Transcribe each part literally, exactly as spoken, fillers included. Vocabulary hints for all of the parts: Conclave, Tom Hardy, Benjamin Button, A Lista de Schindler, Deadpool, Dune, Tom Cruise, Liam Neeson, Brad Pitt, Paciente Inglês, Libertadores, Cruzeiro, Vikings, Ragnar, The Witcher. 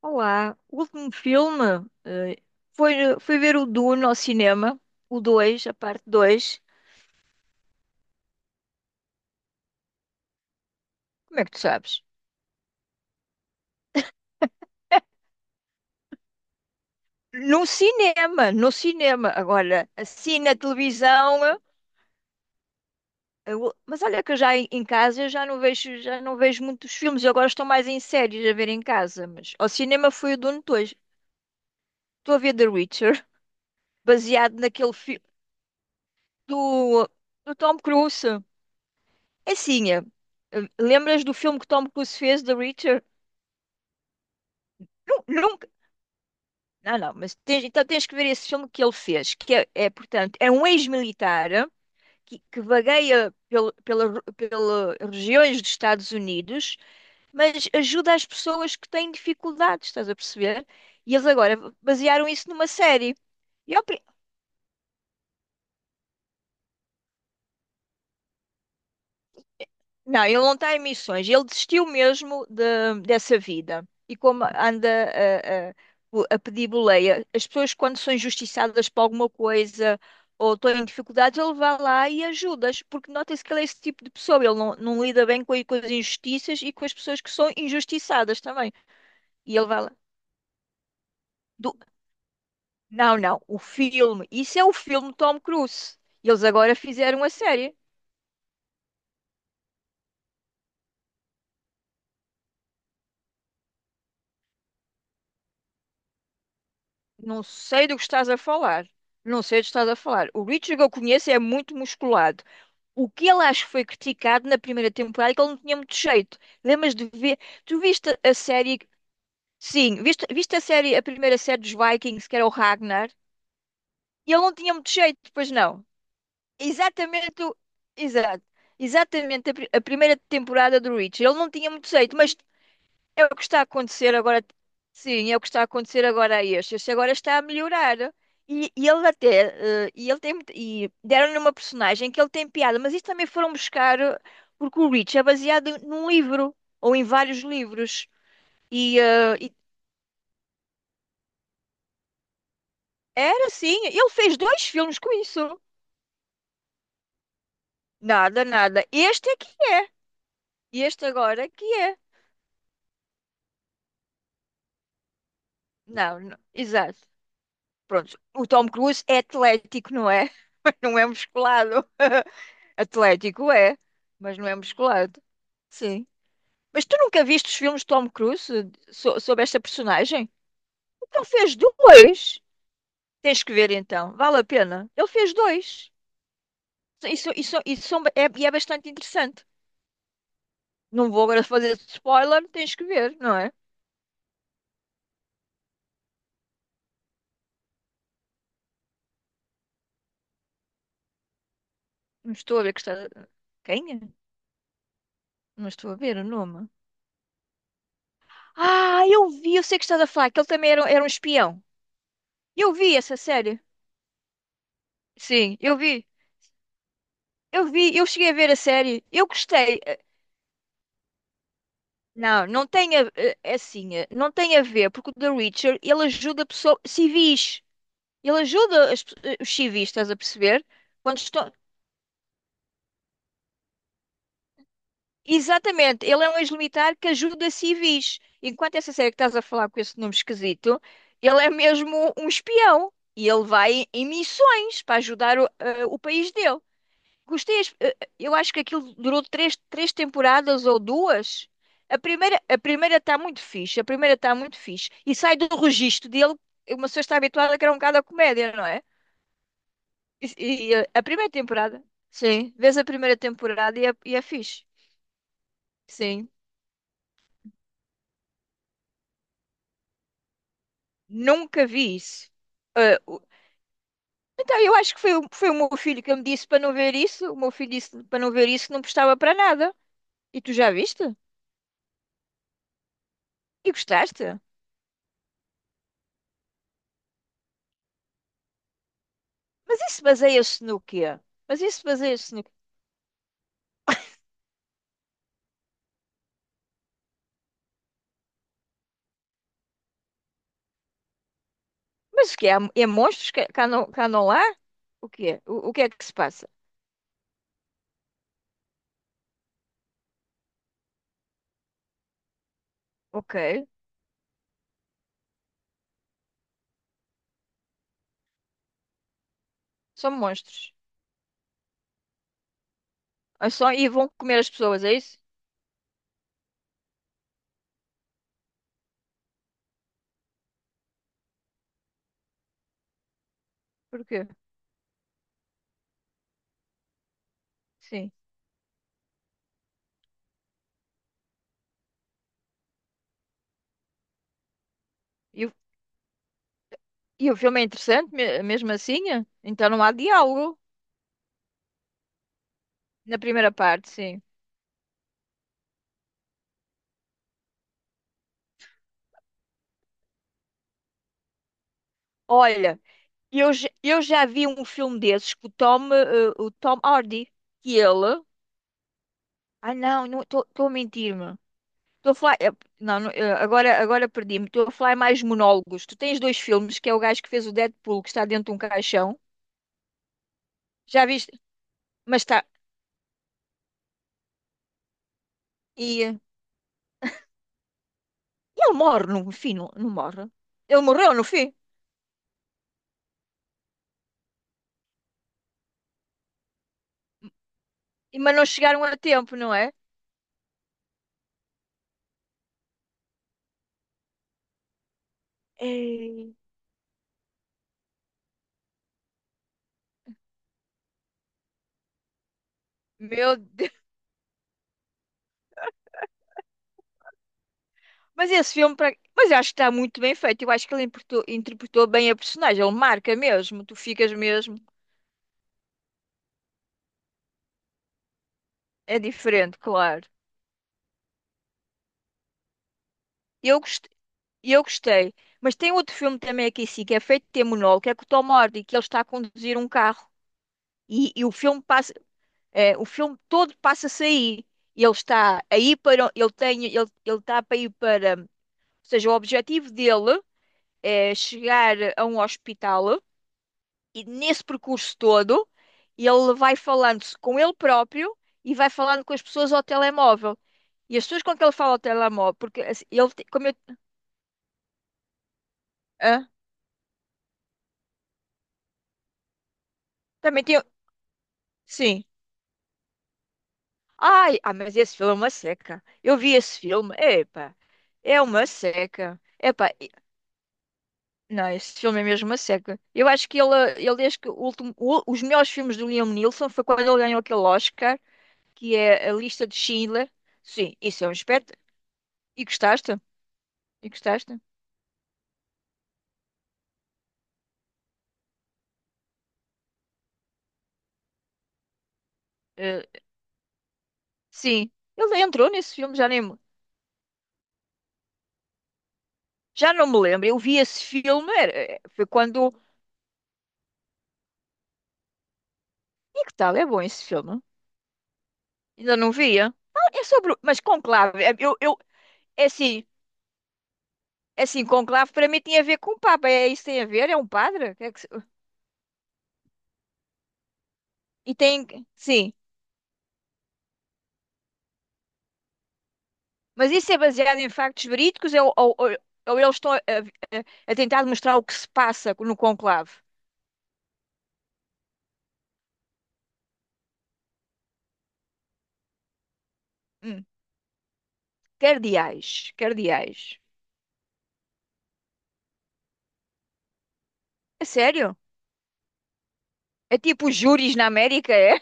Olá, o último filme eh, foi, fui ver o Dune ao cinema, o dois, a parte dois. Como é que tu sabes? No cinema, no cinema. Agora, assim na televisão. Eh, eu- mas olha que eu já em em casa eu já não vejo, já não vejo muitos filmes. Eu agora estou mais em séries a ver em casa. Mas ao cinema foi o Dune dois. Estou a ver The Witcher, baseado naquele filme do, do Tom Cruise. É assim, eh, lembras do filme que Tom Cruise fez, The Witcher? Nunca. Não, não, mas tens- então tens que ver esse filme que ele fez, que é, é, portanto, é um ex-militar que, que vagueia pelo, pela, pela regiões dos Estados Unidos, mas ajuda as pessoas que têm dificuldades, estás a perceber? E eles agora basearam isso numa série. E Não, ele não está em missões. Ele desistiu mesmo de- dessa vida. E como anda a, a- o- a pedir boleia, as pessoas quando são injustiçadas por alguma coisa ou estão em dificuldades, ele vai lá e ajuda-as, porque nota-se que ele é esse tipo de pessoa. Ele não, não lida bem com, com as injustiças e com as pessoas que são injustiçadas também. E ele vai lá. Do- Não, não, o filme. Isso é o filme Tom Cruise. Eles agora fizeram a série. Não sei do que estás a falar. Não sei do que estás a falar. O Richard que eu conheço é muito musculado. O que ele acho que foi criticado na primeira temporada é que ele não tinha muito jeito. Lembras de ver? Tu viste a série? Sim, viste, viste a série, a primeira série dos Vikings, que era o Ragnar, e ele não tinha muito jeito, pois não. Exatamente, o- Exato. Exatamente a, pri- a primeira temporada do Richard. Ele não tinha muito jeito, mas é o que está a acontecer agora. Sim, é o que está a acontecer agora a este. Este agora está a melhorar. E, e ele até, eh, e ele tem, muito- e deram-lhe uma personagem que ele tem piada, mas isto também foram buscar, eh, porque o Rich é baseado num livro, ou em vários livros. E, eh, e era assim, ele fez dois filmes com isso. Nada, nada. Este é que é. Este agora é que é. Não, não, exato. Pronto, o Tom Cruise é atlético, não é? Não é musculado. Atlético é, mas não é musculado. Sim. Mas tu nunca viste os filmes de Tom Cruise so- sobre esta personagem? Então fez dois. Tens que ver então, vale a pena. Ele fez dois. Isso, isso, isso são- é, e é bastante interessante. Não vou agora fazer spoiler, tens que ver, não é? Não estou a ver que está. Quem é? Não estou a ver o nome. Ah, eu vi, eu sei que estás a falar, que ele também era, era um espião. Eu vi essa série. Sim, eu vi. Eu vi, eu cheguei a ver a série. Eu gostei. Não, não tem a, eh, é assim, eh, não tem a ver, porque o The Witcher, ele ajuda pessoas civis. Ele ajuda as pe- eh, os civis, estás a perceber? Quando estão... Exatamente, ele é um ex-militar que ajuda civis. Enquanto essa série que estás a falar com esse nome esquisito, ele é mesmo um espião. E ele vai em em missões para ajudar o, eh, o país dele. Gostei, as- eh, eh, eu acho que aquilo durou três, três temporadas ou duas. A primeira, a primeira está muito fixe, a primeira está muito fixe. E sai do registro dele, uma pessoa está habituada que era um bocado a comédia, não é? E, e a a primeira temporada, sim, vês a primeira temporada e é, e é fixe. Sim, nunca vi isso. Ah, o- então, eu acho que foi, o- foi o meu filho que me disse para não ver isso. O meu filho disse para não ver isso, que não prestava para nada. E tu já viste? E gostaste? Mas isso baseia-se no quê? Mas isso baseia-se no quê? Mas o quê? Há, é monstros que- cá não, cá não há? O quê? O, o que é que se passa? Ok, são monstros. Ah, só- e vão comer as pessoas, é isso? Porquê? Sim. E, o e o filme é interessante, me- mesmo assim? É? Então não há diálogo na primeira parte, sim. Olha, eu, j- eu já vi um filme desses com o Tom, eh, o Tom Hardy, que ele... Ah, não, estou a mentir-me. Estou a falar. eh, Não, não, eh, agora, agora perdi-me. Estou a falar mais monólogos. Tu tens dois filmes, que é o gajo que fez o Deadpool, que está dentro de um caixão. Já viste? Mas está. E, eh, Ele morre no fim, não, não morre. Ele morreu no fim. E- Mas não chegaram a tempo, não é? Ei, meu Deus. Mas esse filme. pra- Mas eu acho que está muito bem feito. Eu acho que ele interpretou, interpretou bem a personagem. Ele marca mesmo. Tu ficas mesmo. É diferente, claro. Eu gostei. E eu gostei. Mas tem outro filme também aqui, sim, que é feito de ter monólogo, que é com o Tom Hardy, que ele está a conduzir um carro. E, e o filme passa, eh, o filme todo passa-se aí. E ele está aí para, ele tem, ele, ele está para ir para, ou seja, o objetivo dele é chegar a um hospital e nesse percurso todo ele vai falando-se com ele próprio e vai falando com as pessoas ao telemóvel. E as pessoas com que ele fala ao telemóvel, porque assim, ele, tem- como eu, hã? Também tem, sim. Ai, ah, mas esse filme é uma seca. Eu vi esse filme, epá, é uma seca. Epá, e- não, esse filme é mesmo uma seca. Eu acho que ele, ele acho que o último, o- os melhores filmes do Liam Neeson foi quando ele ganhou aquele Oscar, que é A Lista de Schindler. Sim, isso é um espetáculo. E gostaste? E gostaste? Eh, sim, ele entrou nesse filme, já nem, me- já não me lembro. Eu vi esse filme, era- eh, foi quando. E que tal? É bom esse filme? Ainda não via. Ah, é sobre. o- Mas Conclave, é- eu, eu, é assim, é assim, conclave para mim tinha a ver com Papa. É isso que tem a ver? É um padre? O que é que se- e tem. Sim. Mas isso é baseado em factos verídicos ou, ou, ou, ou eles estão a, a- a tentar mostrar o que se passa no conclave? Hum. Cardeais. Cardeais. É sério? É tipo os júris na América, é?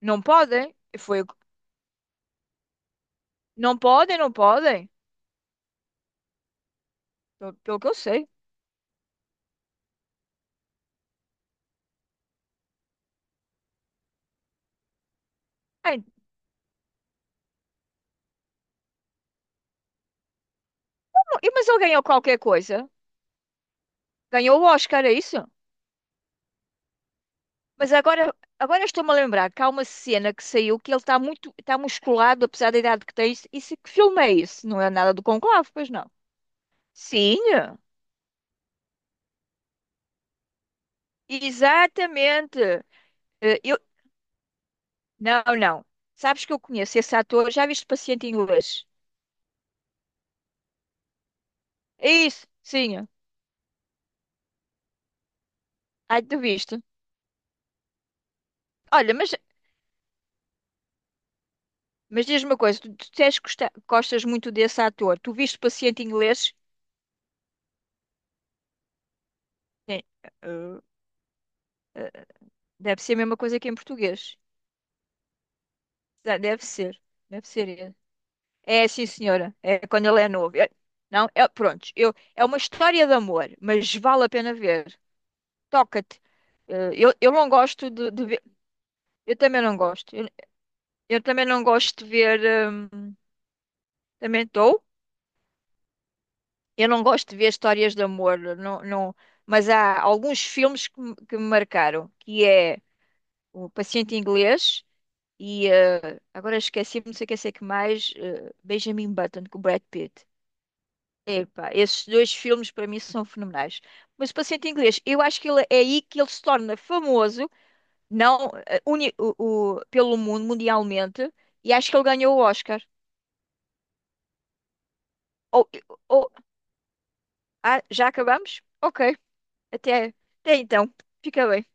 Não podem. Foi... o que- Não podem, não podem. Pelo pelo que eu sei. Ai, não- e- Mas ele ganhou qualquer coisa. Ganhou o Oscar, é isso? Mas agora, agora estou-me a lembrar que há uma cena que saiu que ele está muito, está musculado, apesar da idade que tem. Isso, isso que filme é isso? Não é nada do Conclave, pois não? Sim, exatamente. Eh, Eu, não, não. Sabes que eu conheço esse ator, já viste Paciente Inglês? É isso, sim. Ai, tu viste. Olha, mas, mas diz-me uma coisa, tu, tu disseste que gosta- gostas muito desse ator. Tu viste Paciente Inglês? Sim. Eh, eh, Deve ser a mesma coisa que em português. Deve ser, deve ser É, sim, senhora. É quando ele é novo. É- não, É, pronto. Eu, é uma história de amor, mas vale a pena ver. Toca-te. Eh, Eu, eu não gosto de, de ver. Eu também não gosto. Eu, eu também não gosto de ver. hum, Também estou. Eu não gosto de ver histórias de amor. Não, não, mas há alguns filmes que, me- que me marcaram, que é O Paciente Inglês e eh, agora esqueci-me, não sei o que sei que mais, eh, Benjamin Button com o Brad Pitt. Epá, esses dois filmes para mim são fenomenais. Mas o Paciente Inglês, eu acho que ele, é aí que ele se torna famoso, não eh, uni- o- o- pelo mundo, mundialmente, e acho que ele ganhou o Oscar. Ou, ou- ah, Já acabamos? Ok, até, até então. Fica bem.